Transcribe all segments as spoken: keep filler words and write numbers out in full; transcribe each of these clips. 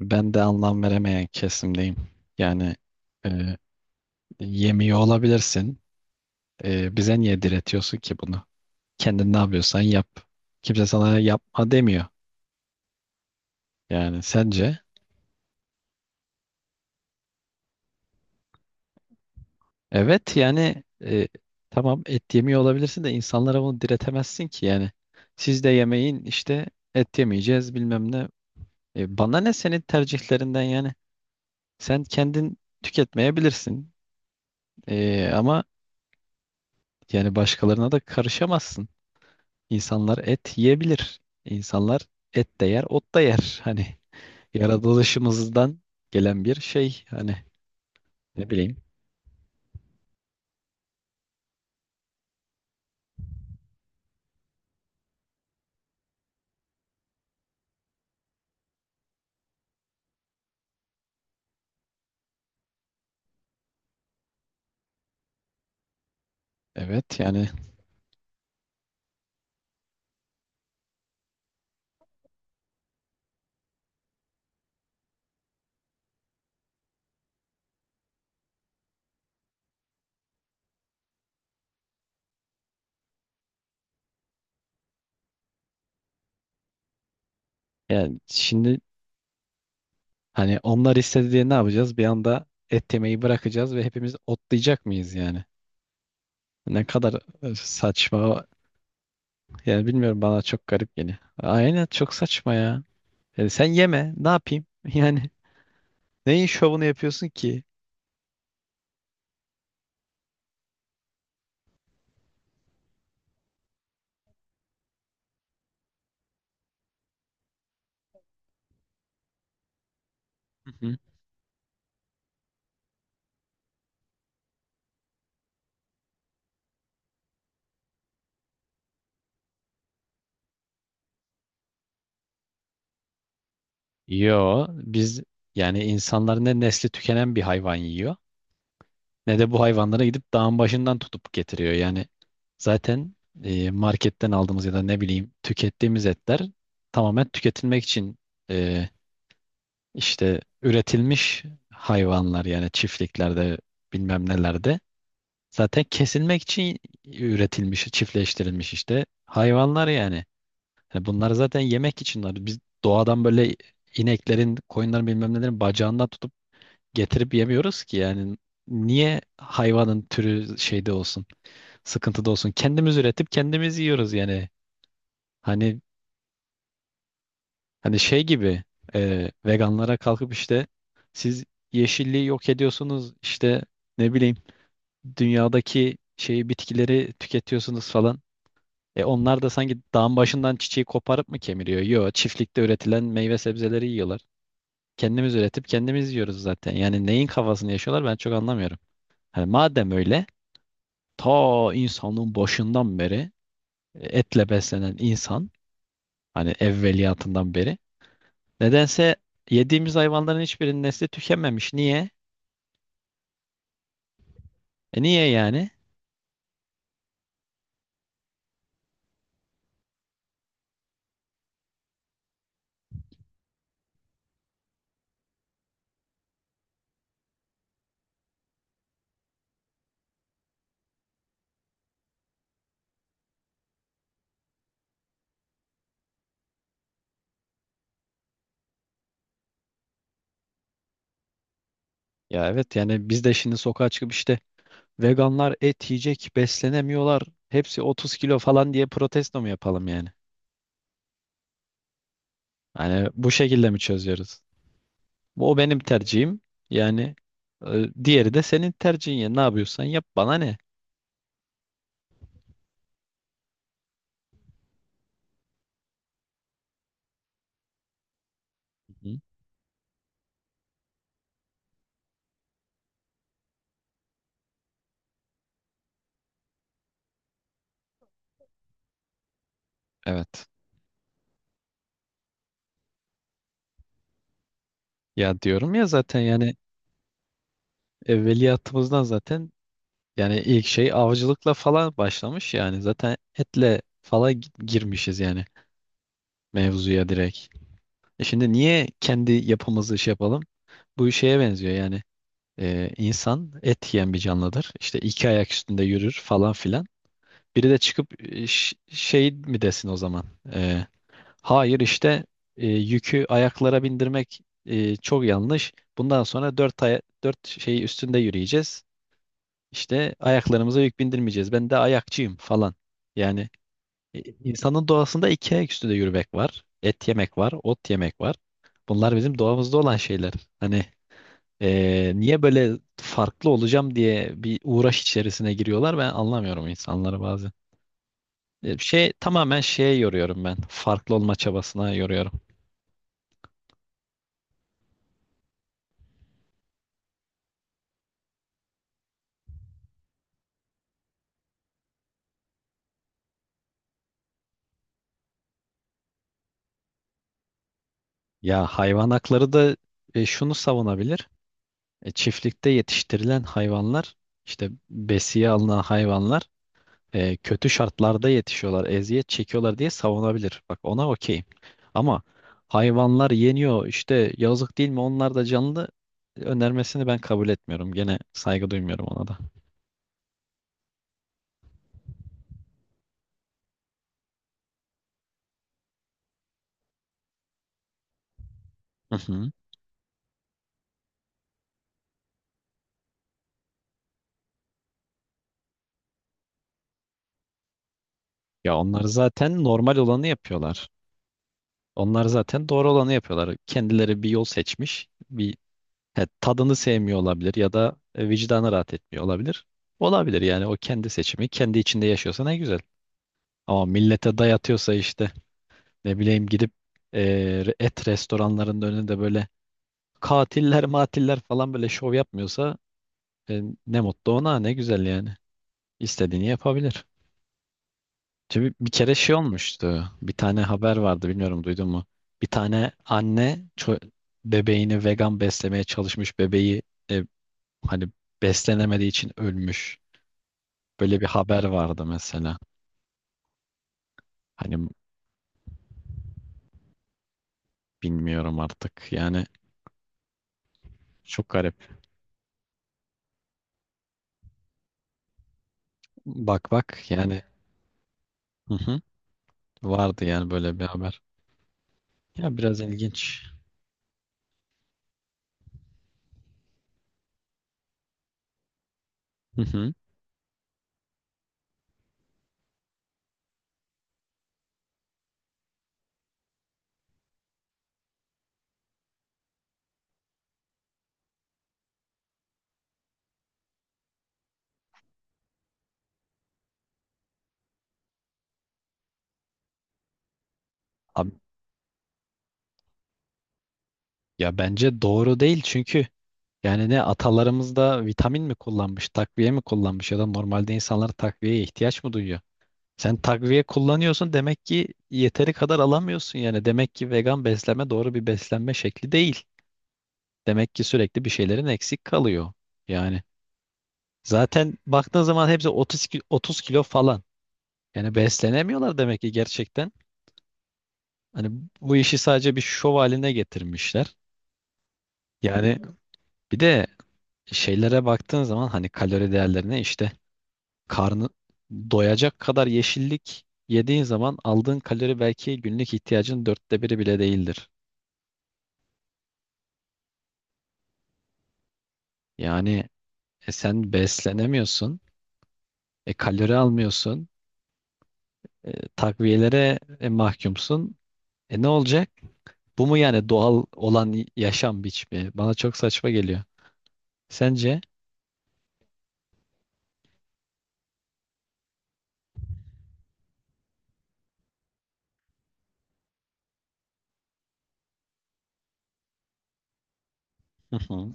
Ben de anlam veremeyen kesimdeyim. Yani e, yemiyor olabilirsin. E, bize niye diretiyorsun ki bunu? Kendin ne yapıyorsan yap. Kimse sana yapma demiyor. Yani sence? Evet yani, e, tamam et yemiyor olabilirsin de insanlara bunu diretemezsin ki yani. Siz de yemeyin işte, et yemeyeceğiz bilmem ne. E, bana ne senin tercihlerinden yani. Sen kendin tüketmeyebilirsin. E, ama yani başkalarına da karışamazsın. İnsanlar et yiyebilir. İnsanlar et de yer, ot da yer. Hani yaratılışımızdan gelen bir şey. Hani ne bileyim. Evet yani, yani şimdi hani onlar istedi diye ne yapacağız? Bir anda et yemeyi bırakacağız ve hepimiz otlayacak mıyız yani? Ne kadar e, saçma. Yani bilmiyorum, bana çok garip geliyor. Aynen, çok saçma ya. Yani sen yeme, ne yapayım? Yani neyin şovunu yapıyorsun ki? Hı hı. Yo, biz, yani insanlar ne nesli tükenen bir hayvan yiyor, ne de bu hayvanlara gidip dağın başından tutup getiriyor. Yani zaten e, marketten aldığımız ya da ne bileyim tükettiğimiz etler tamamen tüketilmek için, e, işte üretilmiş hayvanlar. Yani çiftliklerde, bilmem nelerde, zaten kesilmek için üretilmiş, çiftleştirilmiş işte hayvanlar yani. Yani bunlar zaten yemek için var. Biz doğadan böyle ineklerin, koyunların, bilmem nelerin bacağından tutup getirip yemiyoruz ki yani. Niye hayvanın türü şeyde olsun, sıkıntıda olsun? Kendimiz üretip kendimiz yiyoruz yani. Hani hani şey gibi, e, veganlara kalkıp işte siz yeşilliği yok ediyorsunuz, işte ne bileyim, dünyadaki şeyi, bitkileri tüketiyorsunuz falan. E onlar da sanki dağın başından çiçeği koparıp mı kemiriyor? Yo, çiftlikte üretilen meyve sebzeleri yiyorlar. Kendimiz üretip kendimiz yiyoruz zaten. Yani neyin kafasını yaşıyorlar, ben çok anlamıyorum. Hani madem öyle, ta insanlığın başından beri e, etle beslenen insan, hani evveliyatından beri, nedense yediğimiz hayvanların hiçbirinin nesli tükememiş. Niye? E niye yani? Ya evet, yani biz de şimdi sokağa çıkıp işte veganlar et yiyecek beslenemiyorlar, hepsi otuz kilo falan diye protesto mu yapalım yani? Hani bu şekilde mi çözüyoruz? Bu o benim tercihim. Yani e, diğeri de senin tercihin ya. Ne yapıyorsan yap, bana ne? Hı. Evet. Ya diyorum ya zaten, yani evveliyatımızdan zaten, yani ilk şey avcılıkla falan başlamış, yani zaten etle falan gi- girmişiz yani mevzuya direkt. E şimdi niye kendi yapımızı şey yapalım? Bu şeye benziyor yani. E, insan et yiyen bir canlıdır. İşte iki ayak üstünde yürür falan filan. Biri de çıkıp e, ş- şey mi desin o zaman? E, hayır işte, e, yükü ayaklara bindirmek e, çok yanlış. Bundan sonra dört aya, dört şeyi üstünde yürüyeceğiz. İşte ayaklarımıza yük bindirmeyeceğiz. Ben de ayakçıyım falan. Yani e, insanın doğasında iki ayak üstünde yürümek var. Et yemek var, ot yemek var. Bunlar bizim doğamızda olan şeyler. Hani e, niye böyle farklı olacağım diye bir uğraş içerisine giriyorlar, ben anlamıyorum insanları bazen. E, Şey, tamamen şeye yoruyorum ben. Farklı olma çabasına yoruyorum. Ya hayvan hakları da e, şunu savunabilir. E, çiftlikte yetiştirilen hayvanlar, işte besiye alınan hayvanlar e, kötü şartlarda yetişiyorlar, eziyet çekiyorlar diye savunabilir. Bak, ona okeyim. Ama hayvanlar yeniyor işte, yazık değil mi, onlar da canlı önermesini ben kabul etmiyorum. Gene saygı duymuyorum ona da. Hı hı. Ya onlar zaten normal olanı yapıyorlar. Onlar zaten doğru olanı yapıyorlar. Kendileri bir yol seçmiş. Bir he, tadını sevmiyor olabilir ya da e, vicdanı rahat etmiyor olabilir. Olabilir yani, o kendi seçimi, kendi içinde yaşıyorsa ne güzel. Ama millete dayatıyorsa işte. Ne bileyim, gidip e, et restoranlarının önünde böyle katiller matiller falan böyle şov yapmıyorsa, e, ne mutlu ona, ne güzel yani. İstediğini yapabilir. Çünkü bir kere şey olmuştu. Bir tane haber vardı, bilmiyorum duydun mu? Bir tane anne ço- bebeğini vegan beslemeye çalışmış, bebeği e, hani beslenemediği için ölmüş. Böyle bir haber vardı mesela. Hani bilmiyorum artık yani, çok garip. Bak bak yani, hı hı, vardı yani böyle bir haber. Ya biraz ilginç. Hı hı. Abi, ya bence doğru değil çünkü yani, ne atalarımız da vitamin mi kullanmış, takviye mi kullanmış ya da normalde insanlar takviyeye ihtiyaç mı duyuyor? Sen takviye kullanıyorsun demek ki yeteri kadar alamıyorsun yani. Demek ki vegan beslenme doğru bir beslenme şekli değil. Demek ki sürekli bir şeylerin eksik kalıyor. Yani zaten baktığın zaman hepsi otuz ki- otuz kilo falan. Yani beslenemiyorlar demek ki gerçekten. Hani bu işi sadece bir şov haline getirmişler. Yani bir de şeylere baktığın zaman, hani kalori değerlerine, işte karnı doyacak kadar yeşillik yediğin zaman aldığın kalori belki günlük ihtiyacın dörtte biri bile değildir. Yani e, sen beslenemiyorsun, e, kalori almıyorsun, e, takviyelere e, mahkumsun. E ne olacak? Bu mu yani doğal olan y- yaşam biçimi? Bana çok saçma geliyor. Sence? Hı hı.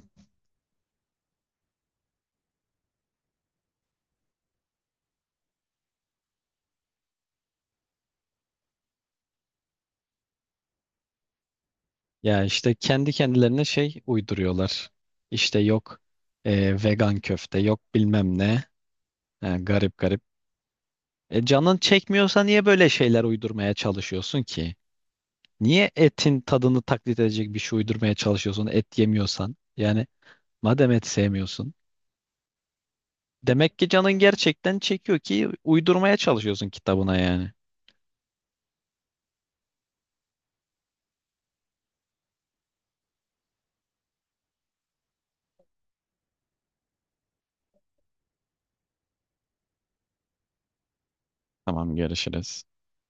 Ya işte kendi kendilerine şey uyduruyorlar. İşte yok e, vegan köfte, yok bilmem ne. He, garip garip. E, canın çekmiyorsa niye böyle şeyler uydurmaya çalışıyorsun ki? Niye etin tadını taklit edecek bir şey uydurmaya çalışıyorsun et yemiyorsan? Yani madem et sevmiyorsun. Demek ki canın gerçekten çekiyor ki uydurmaya çalışıyorsun kitabına yani. Tamam, görüşürüz.